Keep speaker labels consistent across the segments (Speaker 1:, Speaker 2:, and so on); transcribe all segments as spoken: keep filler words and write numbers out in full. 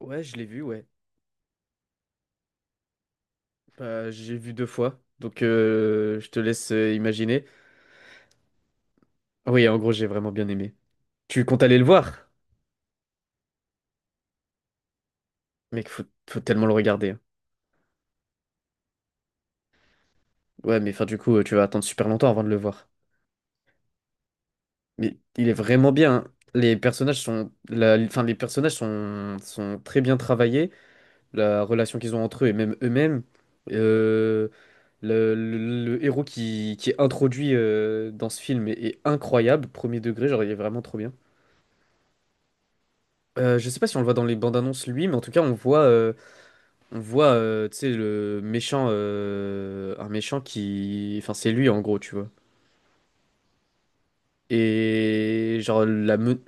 Speaker 1: Ouais, je l'ai vu, ouais. Bah, j'ai vu deux fois, donc euh, je te laisse euh, imaginer. Ah oui, en gros, j'ai vraiment bien aimé. Tu comptes aller le voir? Mec, faut, faut tellement le regarder, hein. Ouais, mais enfin, du coup, euh, tu vas attendre super longtemps avant de le voir. Mais il est vraiment bien, hein. Les personnages sont, la, enfin, les personnages sont, sont très bien travaillés. La relation qu'ils ont entre eux et même eux-mêmes. Euh, le, le- le héros qui, qui est introduit, euh, dans ce film est, est incroyable, premier degré, genre il est vraiment trop bien. Euh, je sais pas si on le voit dans les bandes annonces, lui, mais en tout cas on voit, euh, on voit, euh, tu sais, le méchant, euh, un méchant qui, enfin c'est lui en gros, tu vois. Et genre la me-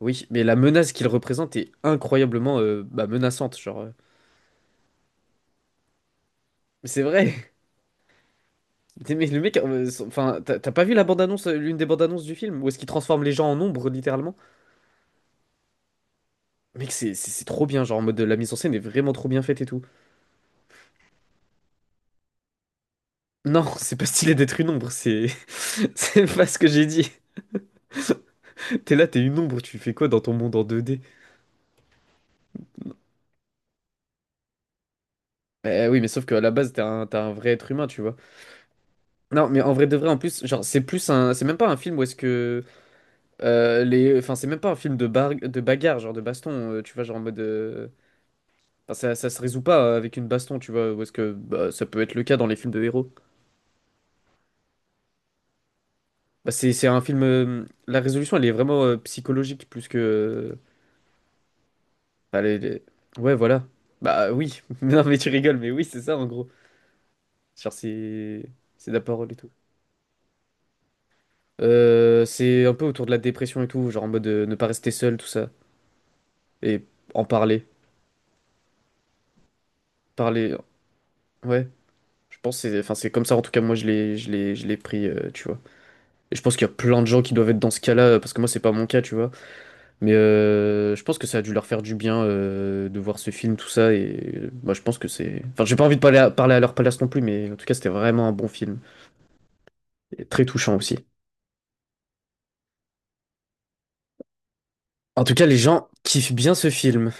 Speaker 1: oui, mais la menace qu'il représente est incroyablement, euh, bah, menaçante, genre. euh. Mais c'est vrai. Mais le mec, euh, son- enfin t'as t'as pas vu la bande annonce, euh, l'une des bandes annonces du film, où est-ce qu'il transforme les gens en ombre, littéralement? Mec, c'est c'est c'est trop bien, genre en mode la mise en scène est vraiment trop bien faite et tout. Non, c'est pas stylé d'être une ombre, c'est c'est pas ce que j'ai dit. T'es là, t'es une ombre, tu fais quoi dans ton monde en deux D? Euh oui, mais sauf qu'à la base, t'es un, t'es un vrai être humain, tu vois. Non, mais en vrai de vrai, en plus, genre, c'est plus un. C'est même pas un film où est-ce que. Euh, les... enfin, c'est même pas un film de, bar... de bagarre, genre de baston, euh, tu vois, genre en mode. euh, Enfin, ça, ça se résout pas, euh, avec une baston, tu vois, où est-ce que bah, ça peut être le cas dans les films de héros. Bah, c'est c'est un film. euh, La résolution, elle est vraiment, euh, psychologique plus que. euh, enfin, les- les- Ouais, voilà. Bah oui. Non, mais tu rigoles, mais oui, c'est ça, en gros. Genre, c'est. C'est de la parole et tout. Euh, c'est un peu autour de la dépression et tout, genre en mode, euh, ne pas rester seul, tout ça. Et en parler. Parler. Ouais. Je pense que c'est, enfin, c'est comme ça, en tout cas, moi, je l'ai, je l'ai, je l'ai pris, euh, tu vois. Et je pense qu'il y a plein de gens qui doivent être dans ce cas-là, euh, parce que moi, c'est pas mon cas, tu vois. Mais, euh, je pense que ça a dû leur faire du bien, euh, de voir ce film, tout ça. Et, euh, moi, je pense que c'est. Enfin, j'ai pas envie de parler à, parler à leur place non plus, mais en tout cas, c'était vraiment un bon film. Et très touchant aussi. En tout cas, les gens kiffent bien ce film.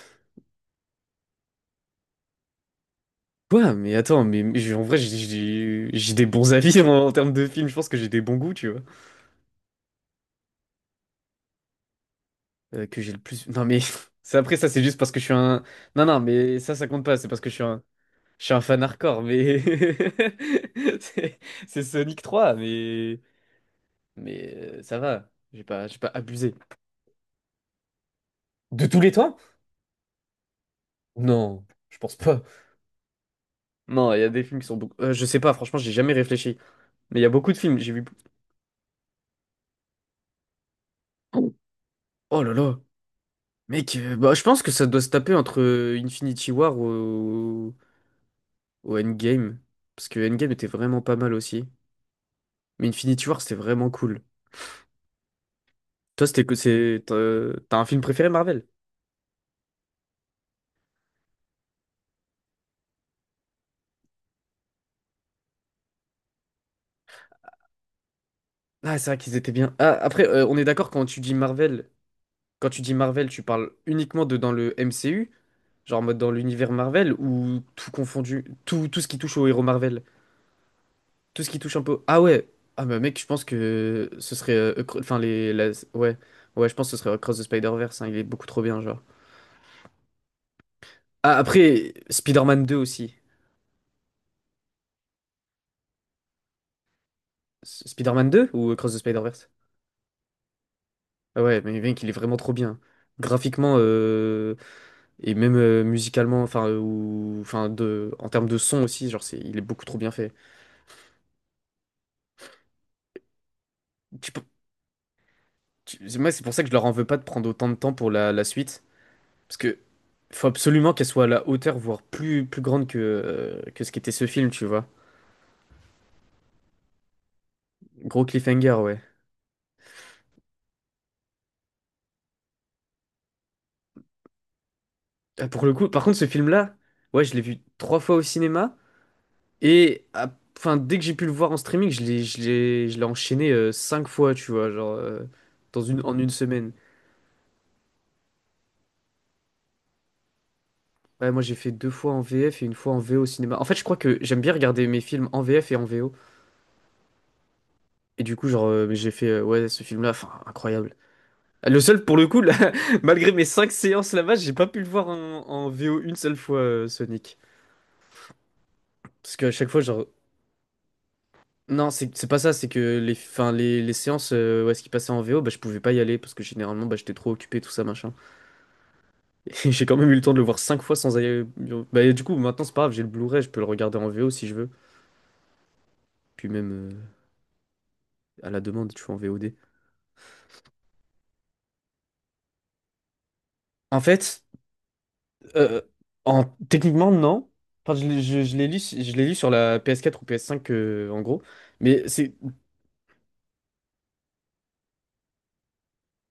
Speaker 1: Quoi? Mais attends, mais, mais j'ai- en vrai, j'ai j'ai- j'ai des bons avis en, en termes de films. Je pense que j'ai des bons goûts, tu vois. Euh, que j'ai le plus. Non, mais c'est après ça, c'est juste parce que je suis un. Non, non, mais ça, ça compte pas. C'est parce que je suis un, je suis un fan hardcore. Mais c'est c'est Sonic trois, mais mais euh, ça va. J'ai pas, j'ai pas abusé. De tous les temps? Non, je pense pas. Non, il y a des films qui sont beaucoup. Euh, je sais pas. Franchement, j'ai jamais réfléchi. Mais il y a beaucoup de films. J'ai vu. Oh là là. Mec, euh, bah, je pense que ça doit se taper entre, euh, Infinity War au... au Endgame. Parce que Endgame était vraiment pas mal aussi. Mais Infinity War, c'était vraiment cool. Toi, c'était que c'est. T'as t'as un film préféré, Marvel? Ah, c'est vrai qu'ils étaient bien. Ah, après, euh, on est d'accord quand tu dis Marvel. Quand tu dis Marvel, tu parles uniquement de dans le M C U, genre en mode dans l'univers Marvel, ou tout confondu, tout, tout ce qui touche au héros Marvel? Tout ce qui touche un peu. Ah ouais. Ah bah mec, je pense que ce serait. euh, Acro- Enfin, les. la- Ouais. Ouais, je pense que ce serait Across the Spider-Verse, hein. Il est beaucoup trop bien, genre. Ah, après, Spider-Man deux aussi. S- Spider-Man deux ou Across the Spider-Verse? Ah ouais, mais mec, il est vraiment trop bien. Graphiquement, euh, et même, euh, musicalement, enfin, euh, ou, enfin de, en termes de son aussi, genre, c'est, il est beaucoup trop bien fait. Tu peux- tu- Moi, c'est pour ça que je leur en veux pas de prendre autant de temps pour la, la suite. Parce que il faut absolument qu'elle soit à la hauteur, voire plus, plus grande que, euh, que ce qu'était ce film, tu vois. Gros cliffhanger, ouais. Ah, pour le coup, par contre, ce film-là, ouais, je l'ai vu trois fois au cinéma. Et ah, enfin, dès que j'ai pu le voir en streaming, je l'ai, je l'ai, je l'ai enchaîné, euh, cinq fois, tu vois, genre, euh, dans une, en une semaine. Ouais, moi, j'ai fait deux fois en V F et une fois en V O au cinéma. En fait, je crois que j'aime bien regarder mes films en V F et en V O. Et du coup, genre, euh, j'ai fait, euh, ouais, ce film-là, enfin, incroyable. Le seul, pour le coup, là, malgré mes cinq séances là-bas, j'ai pas pu le voir en, en V O une seule fois, euh, Sonic. Parce qu'à chaque fois, genre. Non, c'est c'est pas ça, c'est que les, fin, les, les séances, euh, où est-ce qu'il passait en V O, bah, je pouvais pas y aller parce que généralement, bah, j'étais trop occupé, tout ça, machin. Et j'ai quand même eu le temps de le voir cinq fois sans aller. Bah, et du coup, maintenant, c'est pas grave, j'ai le Blu-ray, je peux le regarder en V O si je veux. Puis même, euh, à la demande, tu vois, en V O D. En fait, euh, en... techniquement, non. Enfin, je, l'ai je- je l'ai lu, je l'ai lu sur la P S quatre ou P S cinq, euh, en gros. Mais c'est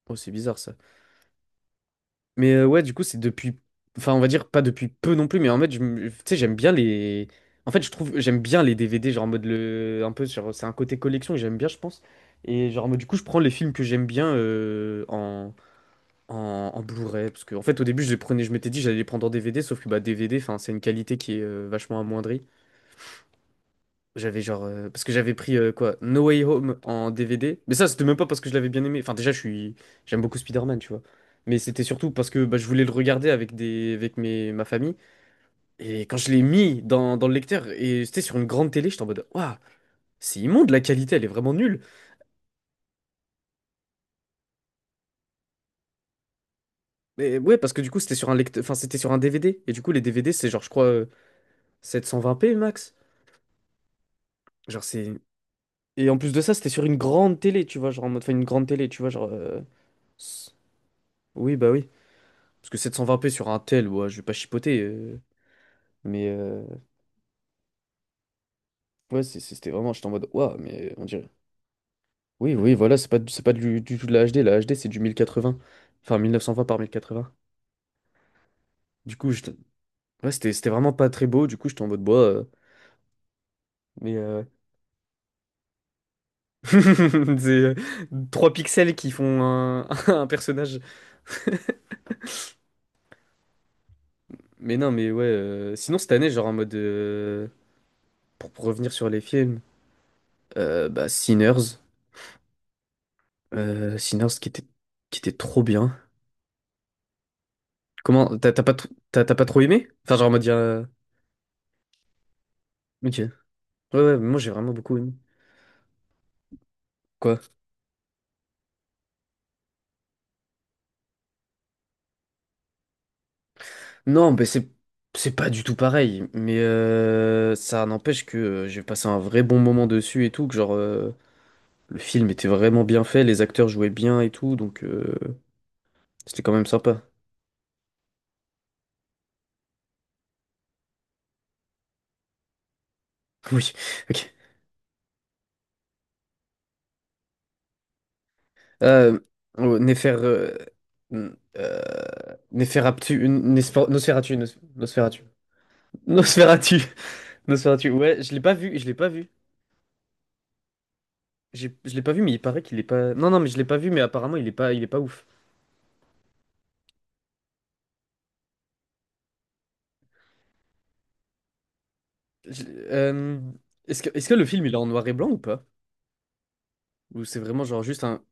Speaker 1: Oh, c'est bizarre, ça. Mais, euh, ouais, du coup, c'est depuis. Enfin, on va dire pas depuis peu non plus, mais en fait, je me- tu sais, j'aime bien les. En fait, je trouve. J'aime bien les D V D, genre en mode le. Un peu, genre, c'est un côté collection que j'aime bien, je pense. Et genre, en mode, du coup, je prends les films que j'aime bien, euh, en. En, en Blu-ray, parce que en fait au début je les prenais, je m'étais dit j'allais les prendre en D V D, sauf que bah D V D, enfin c'est une qualité qui est, euh, vachement amoindrie. J'avais genre. Euh, parce que j'avais pris, euh, quoi? No Way Home en D V D. Mais ça, c'était même pas parce que je l'avais bien aimé. Enfin, déjà, je suis. J'aime beaucoup Spider-Man, tu vois. Mais c'était surtout parce que bah, je voulais le regarder avec des... avec mes... ma famille. Et quand je l'ai mis dans, dans le lecteur, et c'était sur une grande télé, j'étais en mode. Waouh, c'est immonde, la qualité, elle est vraiment nulle. Mais ouais, parce que du coup, c'était sur un lecteur. Enfin, c'était sur un D V D. Et du coup, les D V D, c'est genre, je crois, euh, sept cent vingt p max. Genre, c'est. Et en plus de ça, c'était sur une grande télé, tu vois. Genre, en mode. Enfin, une grande télé, tu vois. Genre. euh, s- Oui, bah oui. Parce que sept cent vingt p sur un tel, ouais, je vais pas chipoter. euh, mais euh, ouais, c'est- c'est- c'était vraiment, j'étais en mode, waouh, mais on dirait. Oui, oui, voilà, c'est pas, du- c'est pas du, du tout de la H D. La H D, c'est du mille quatre-vingts. Enfin, mille neuf cent vingt par mille quatre-vingts. Du coup, j'étais- ouais, c'était c'était vraiment pas très beau. Du coup, j'étais en mode, bois. euh, mais euh, c'est trois pixels qui font un, un personnage. Mais non, mais ouais. euh, Sinon, cette année, genre en mode. euh, Pour, pour revenir sur les films, euh, bah, Sinners. euh, Sinners qui était, qui était trop bien. Comment? T'as t'as pas, tr- t'as t'as pas trop aimé? Enfin, genre, en mode. euh, Ok. Ouais, ouais, moi j'ai vraiment beaucoup aimé. Quoi? Non, mais c'est c'est pas du tout pareil. Mais, euh, ça n'empêche que, euh, j'ai passé un vrai bon moment dessus et tout. Que genre, euh, le film était vraiment bien fait, les acteurs jouaient bien et tout. Donc, euh, c'était quand même sympa. Oui, ok. Euh, oh, Néfer. Euh, n- euh, Néferaptu. N- Nesfor- Nosferatu. Nos- Nosferatu. Nosferatu. Nosferatu. Ouais, je l'ai pas vu, je l'ai pas vu. J'ai- Je l'ai pas vu, mais il paraît qu'il est pas. Non, non, mais je l'ai pas vu, mais apparemment il est pas, il est pas ouf. Je- euh, Est-ce que, est-ce que le film il est en noir et blanc ou pas? Ou c'est vraiment genre juste un.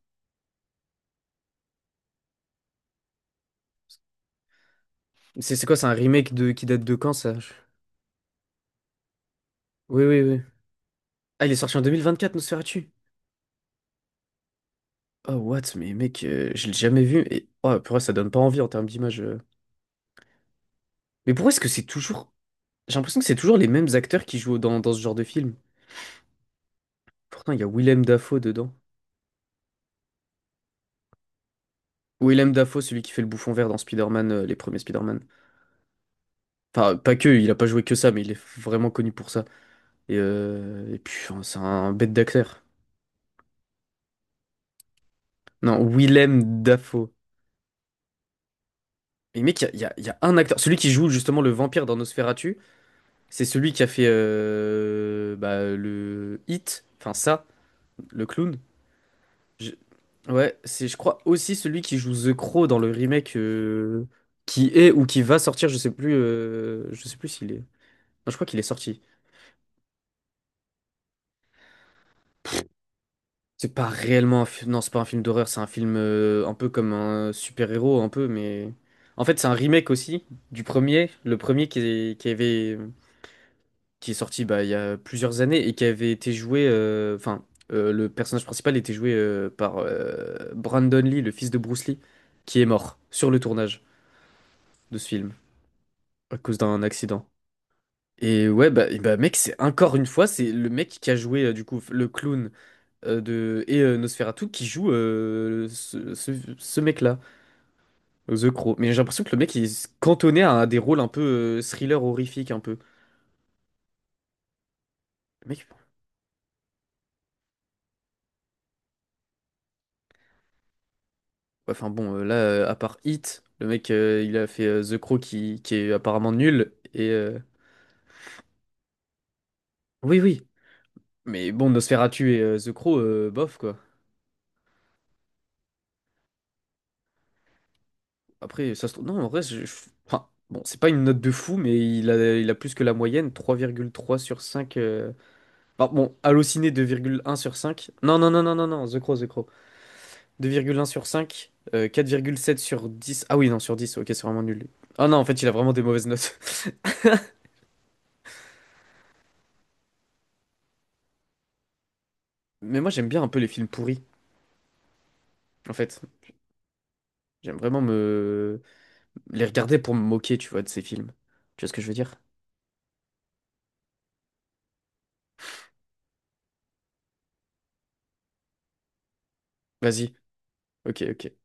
Speaker 1: C'est c'est quoi, c'est un remake de qui date de quand ça? Je- Oui, oui, oui. Ah, il est sorti en deux mille vingt-quatre, Nosferatu. Oh, what? Mais mec, euh, je l'ai jamais vu. Et oh, purée, ça donne pas envie en termes d'image. euh. Mais pourquoi est-ce que c'est toujours. J'ai l'impression que c'est toujours les mêmes acteurs qui jouent dans, dans ce genre de film. Pourtant, il y a Willem Dafoe dedans. Willem Dafoe, celui qui fait le bouffon vert dans Spider-Man, euh, les premiers Spider-Man. Enfin, pas que, il a pas joué que ça, mais il est vraiment connu pour ça. Et, euh, et puis, enfin, c'est un bête d'acteur. Non, Willem Dafoe. Mais mec, il y a, il y a- il y a un acteur. Celui qui joue justement le vampire dans Nosferatu, c'est celui qui a fait euh, bah, le Hit, enfin ça, le clown. Je- Ouais, c'est, je crois, aussi celui qui joue The Crow dans le remake euh, qui est ou qui va sortir, je sais plus, euh, je sais plus s'il est. Non, je crois qu'il est sorti. C'est pas réellement un film. Non, c'est pas un film d'horreur, c'est un film euh, un peu comme un super-héros, un peu, mais. En fait, c'est un remake aussi du premier. Le premier qui est, qui avait. Qui est sorti bah, il y a plusieurs années et qui avait été joué. euh, Enfin, euh, le personnage principal était joué euh, par euh, Brandon Lee, le fils de Bruce Lee, qui est mort sur le tournage de ce film à cause d'un accident. Et ouais, bah, et bah, mec, c'est encore une fois, c'est le mec qui a joué euh, du coup le clown. Euh, de, et euh, Nosferatu qui joue euh, ce, ce- ce mec-là, The Crow. Mais j'ai l'impression que le mec il est cantonné à des rôles un peu euh, thriller horrifique un peu. Le mec, ouais, enfin bon, euh, là, euh, à part Hit, le mec euh, il a fait euh, The Crow qui, qui est apparemment nul. Et euh, oui, oui. Mais bon, Nosferatu et euh, The Crow, euh, bof quoi. Après, ça se trouve. Non, en vrai, je- je- enfin, bon, c'est pas une note de fou, mais il a, il a plus que la moyenne, trois virgule trois sur cinq. euh, Enfin, bon, Allociné deux virgule un sur cinq. Non, non, non, non, non, non, The Crow, The Crow. Deux virgule un sur cinq, euh, quatre virgule sept sur dix. Ah oui, non, sur dix, ok, c'est vraiment nul. Ah non, en fait, il a vraiment des mauvaises notes. Mais moi, j'aime bien un peu les films pourris, en fait. J'aime vraiment me les regarder pour me moquer, tu vois, de ces films. Tu vois ce que je veux dire? Vas-y, ok, ok.